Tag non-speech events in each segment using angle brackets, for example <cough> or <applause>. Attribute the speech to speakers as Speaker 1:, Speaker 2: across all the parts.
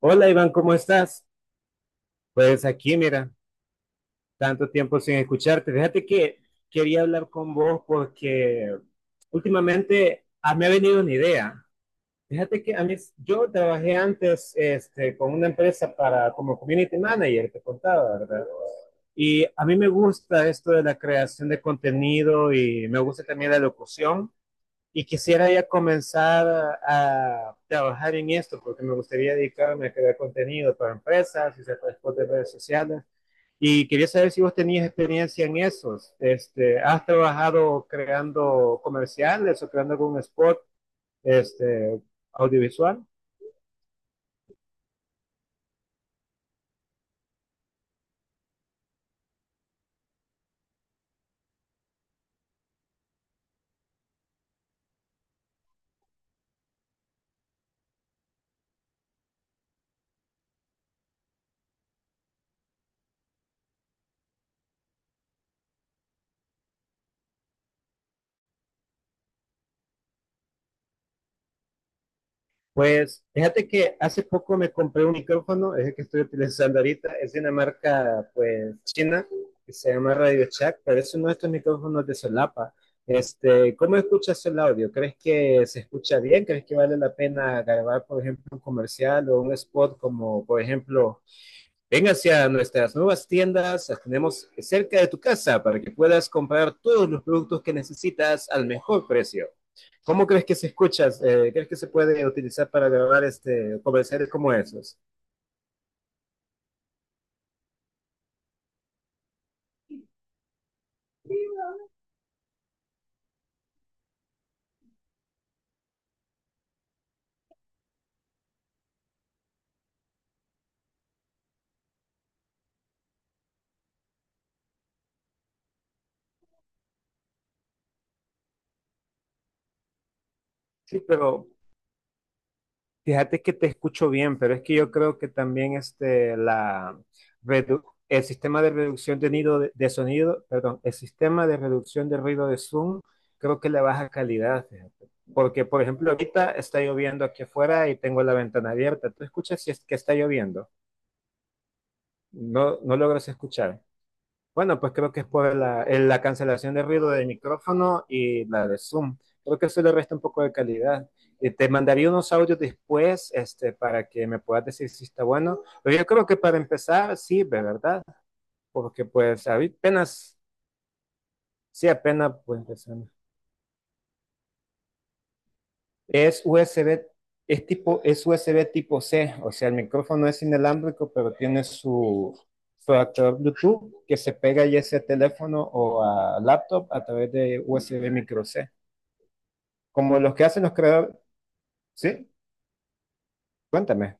Speaker 1: Hola Iván, ¿cómo estás? Pues aquí, mira, tanto tiempo sin escucharte. Fíjate que quería hablar con vos porque últimamente me ha venido una idea. Fíjate que a mí, yo trabajé antes con una empresa para, como community manager, te contaba, ¿verdad? Y a mí me gusta esto de la creación de contenido y me gusta también la locución y quisiera ya comenzar a trabajar en esto porque me gustaría dedicarme a crear contenido para empresas y después de redes sociales. Y quería saber si vos tenías experiencia en esos. ¿Has trabajado creando comerciales o creando algún spot este, audiovisual? Pues fíjate que hace poco me compré un micrófono, es el que estoy utilizando ahorita, es de una marca pues china que se llama Radio Shack, pero es uno de estos micrófonos de solapa. ¿Cómo escuchas el audio? ¿Crees que se escucha bien? ¿Crees que vale la pena grabar, por ejemplo, un comercial o un spot como, por ejemplo, ven hacia nuestras nuevas tiendas, las tenemos cerca de tu casa para que puedas comprar todos los productos que necesitas al mejor precio? ¿Cómo crees que se escucha? ¿Crees que se puede utilizar para grabar comerciales como esos? Sí, pero fíjate que te escucho bien, pero es que yo creo que también redu- el sistema de reducción nido de sonido, perdón, el sistema de reducción de ruido de Zoom, creo que le baja calidad, fíjate. Porque, por ejemplo, ahorita está lloviendo aquí afuera y tengo la ventana abierta. ¿Tú escuchas si es que está lloviendo? No, no logras escuchar. Bueno, pues creo que es por la cancelación de ruido del micrófono y la de Zoom. Creo que eso le resta un poco de calidad. Te mandaría unos audios después, para que me puedas decir si está bueno. Pero yo creo que para empezar sirve, ¿verdad? Porque pues apenas, sí, apenas pues empezamos. Es USB, es USB tipo C, o sea, el micrófono es inalámbrico, pero tiene su adaptador Bluetooth que se pega ya sea a teléfono o a laptop a través de USB micro C. Como los que hacen los creadores, ¿sí? Cuéntame.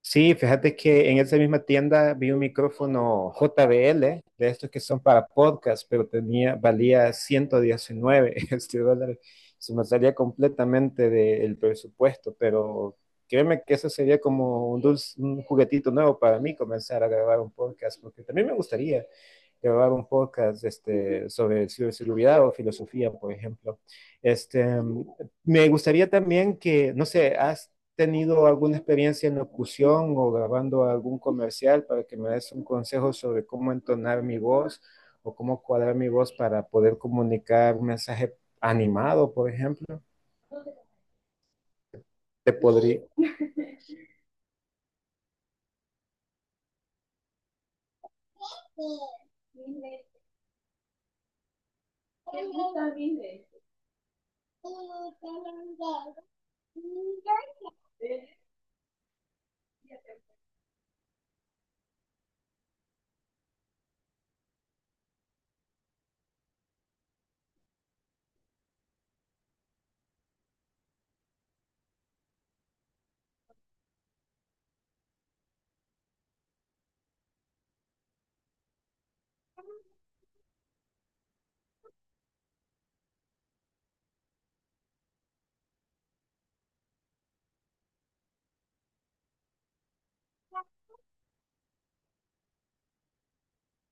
Speaker 1: Sí, fíjate que en esa misma tienda vi un micrófono JBL, de estos que son para podcast, pero valía 119 <laughs> dólares. Se me salía completamente del presupuesto, pero créeme que eso sería como un dulce, un juguetito nuevo para mí comenzar a grabar un podcast, porque también me gustaría grabar un podcast sobre ciberseguridad o filosofía, por ejemplo. Este, Me gustaría también que, no sé, has tenido alguna experiencia en locución o grabando algún comercial para que me des un consejo sobre cómo entonar mi voz o cómo cuadrar mi voz para poder comunicar un mensaje animado, por ejemplo. Te podría,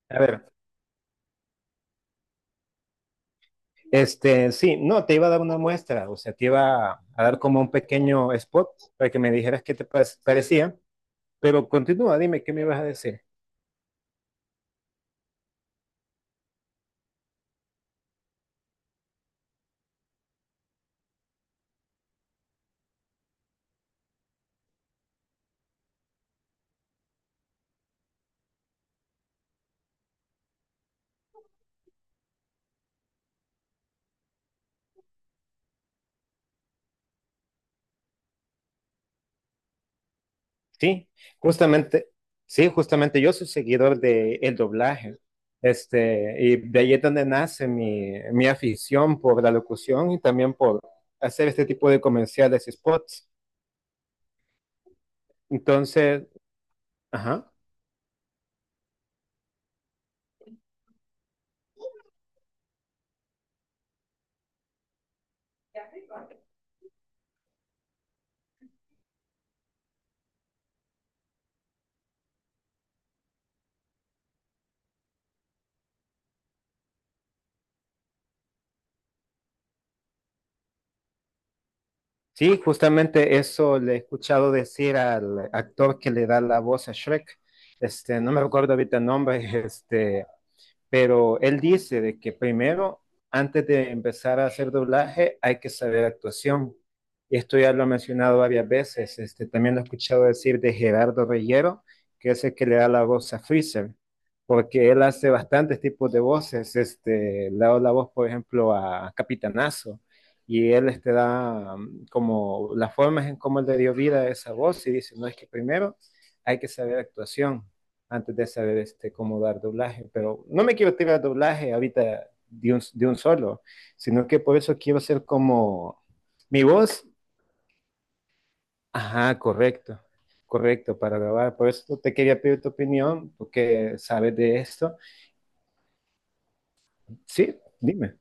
Speaker 1: a ver, sí, no, te iba a dar una muestra, o sea, te iba a dar como un pequeño spot para que me dijeras qué te parecía. Pero continúa, dime, ¿qué me vas a decir? Sí, justamente, sí, justamente, yo soy seguidor de el doblaje. Y de ahí es donde nace mi afición por la locución y también por hacer este tipo de comerciales y spots. Entonces, ajá, sí, justamente eso le he escuchado decir al actor que le da la voz a Shrek. No me recuerdo ahorita el nombre, <laughs> pero él dice de que primero, antes de empezar a hacer doblaje, hay que saber actuación. Esto ya lo ha mencionado varias veces, también lo he escuchado decir de Gerardo Reyero, que es el que le da la voz a Freezer, porque él hace bastantes tipos de voces, le da la voz, por ejemplo, a Capitanazo, y él da como las formas en cómo él le dio vida a esa voz y dice, no es que primero hay que saber actuación antes de saber cómo dar doblaje, pero no me quiero tirar doblaje ahorita de un, solo, sino que por eso quiero ser como mi voz, ajá, correcto, correcto para grabar, por eso te quería pedir tu opinión, porque sabes de esto. Sí, dime.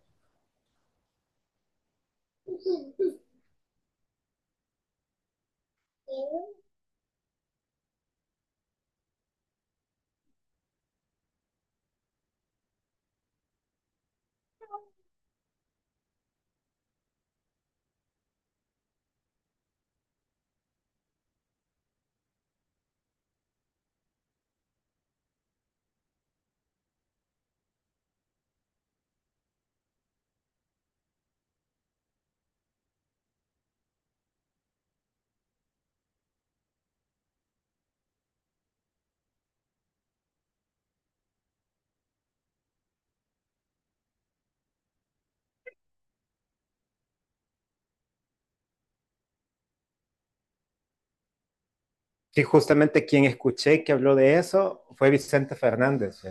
Speaker 1: Sí, justamente quien escuché que habló de eso fue Vicente Fernández. ¿Sí?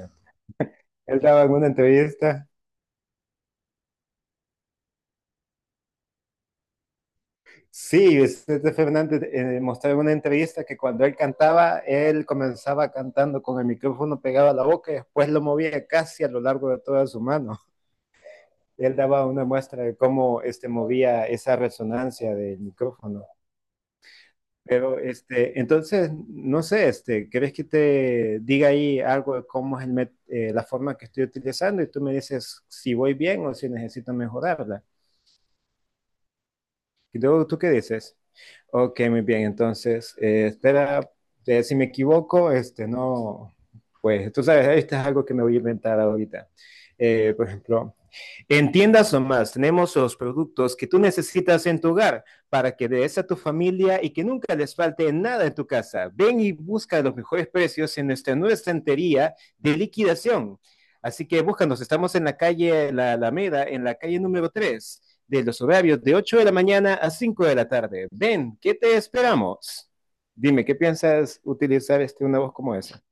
Speaker 1: Él daba alguna entrevista. Sí, Vicente Fernández mostraba en una entrevista que cuando él cantaba, él comenzaba cantando con el micrófono pegado a la boca y después lo movía casi a lo largo de toda su mano. Él daba una muestra de cómo movía esa resonancia del micrófono. Pero entonces, no sé, ¿querés que te diga ahí algo de cómo es la forma que estoy utilizando? Y tú me dices si voy bien o si necesito mejorarla. ¿Tú qué dices? Ok, muy bien. Entonces, espera, si me equivoco, no, pues tú sabes, esto es algo que me voy a inventar ahorita. Por ejemplo, en Tiendas o Más tenemos los productos que tú necesitas en tu hogar para que des a tu familia y que nunca les falte nada en tu casa. Ven y busca los mejores precios en nuestra nueva estantería de liquidación. Así que búscanos, estamos en la calle La Alameda, en la calle número 3 de los horarios de 8 de la mañana a 5 de la tarde. Ven, ¿qué te esperamos? Dime, ¿qué piensas utilizar una voz como esa?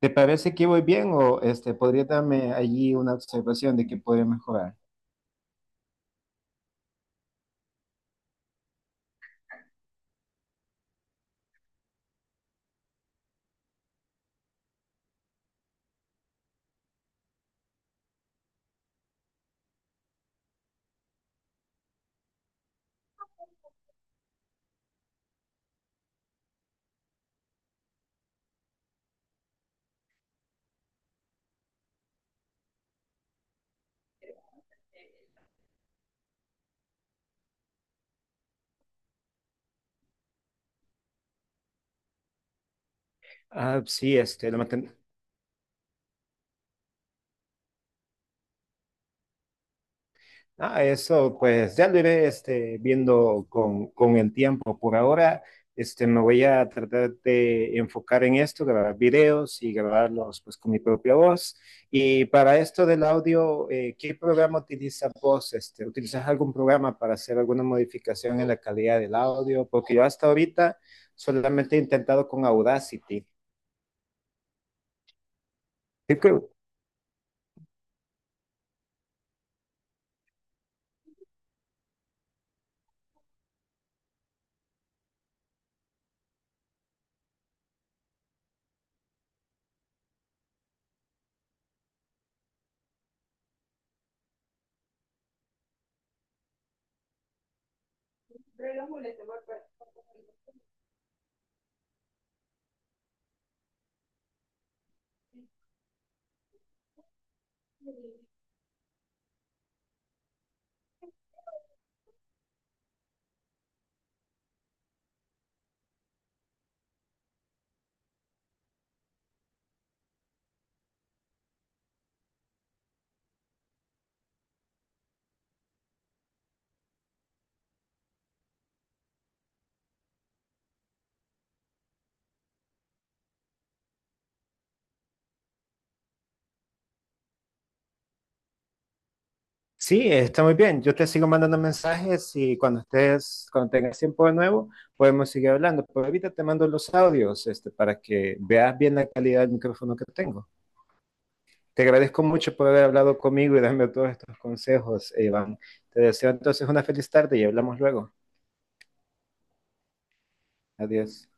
Speaker 1: ¿Te parece que voy bien o podría darme allí una observación de que podría mejorar? Ah, sí, ah, eso, pues ya lo iré, viendo con el tiempo. Por ahora, me voy a tratar de enfocar en esto, grabar videos y grabarlos, pues, con mi propia voz. Y para esto del audio, ¿qué programa utilizas vos? ¿Utilizas algún programa para hacer alguna modificación en la calidad del audio? Porque yo hasta ahorita solamente he intentado con Audacity. Sí, está muy bien. Yo te sigo mandando mensajes y cuando estés, cuando tengas tiempo de nuevo, podemos seguir hablando. Por ahorita te mando los audios, para que veas bien la calidad del micrófono que tengo. Te agradezco mucho por haber hablado conmigo y darme todos estos consejos, Iván. Te deseo entonces una feliz tarde y hablamos luego. Adiós.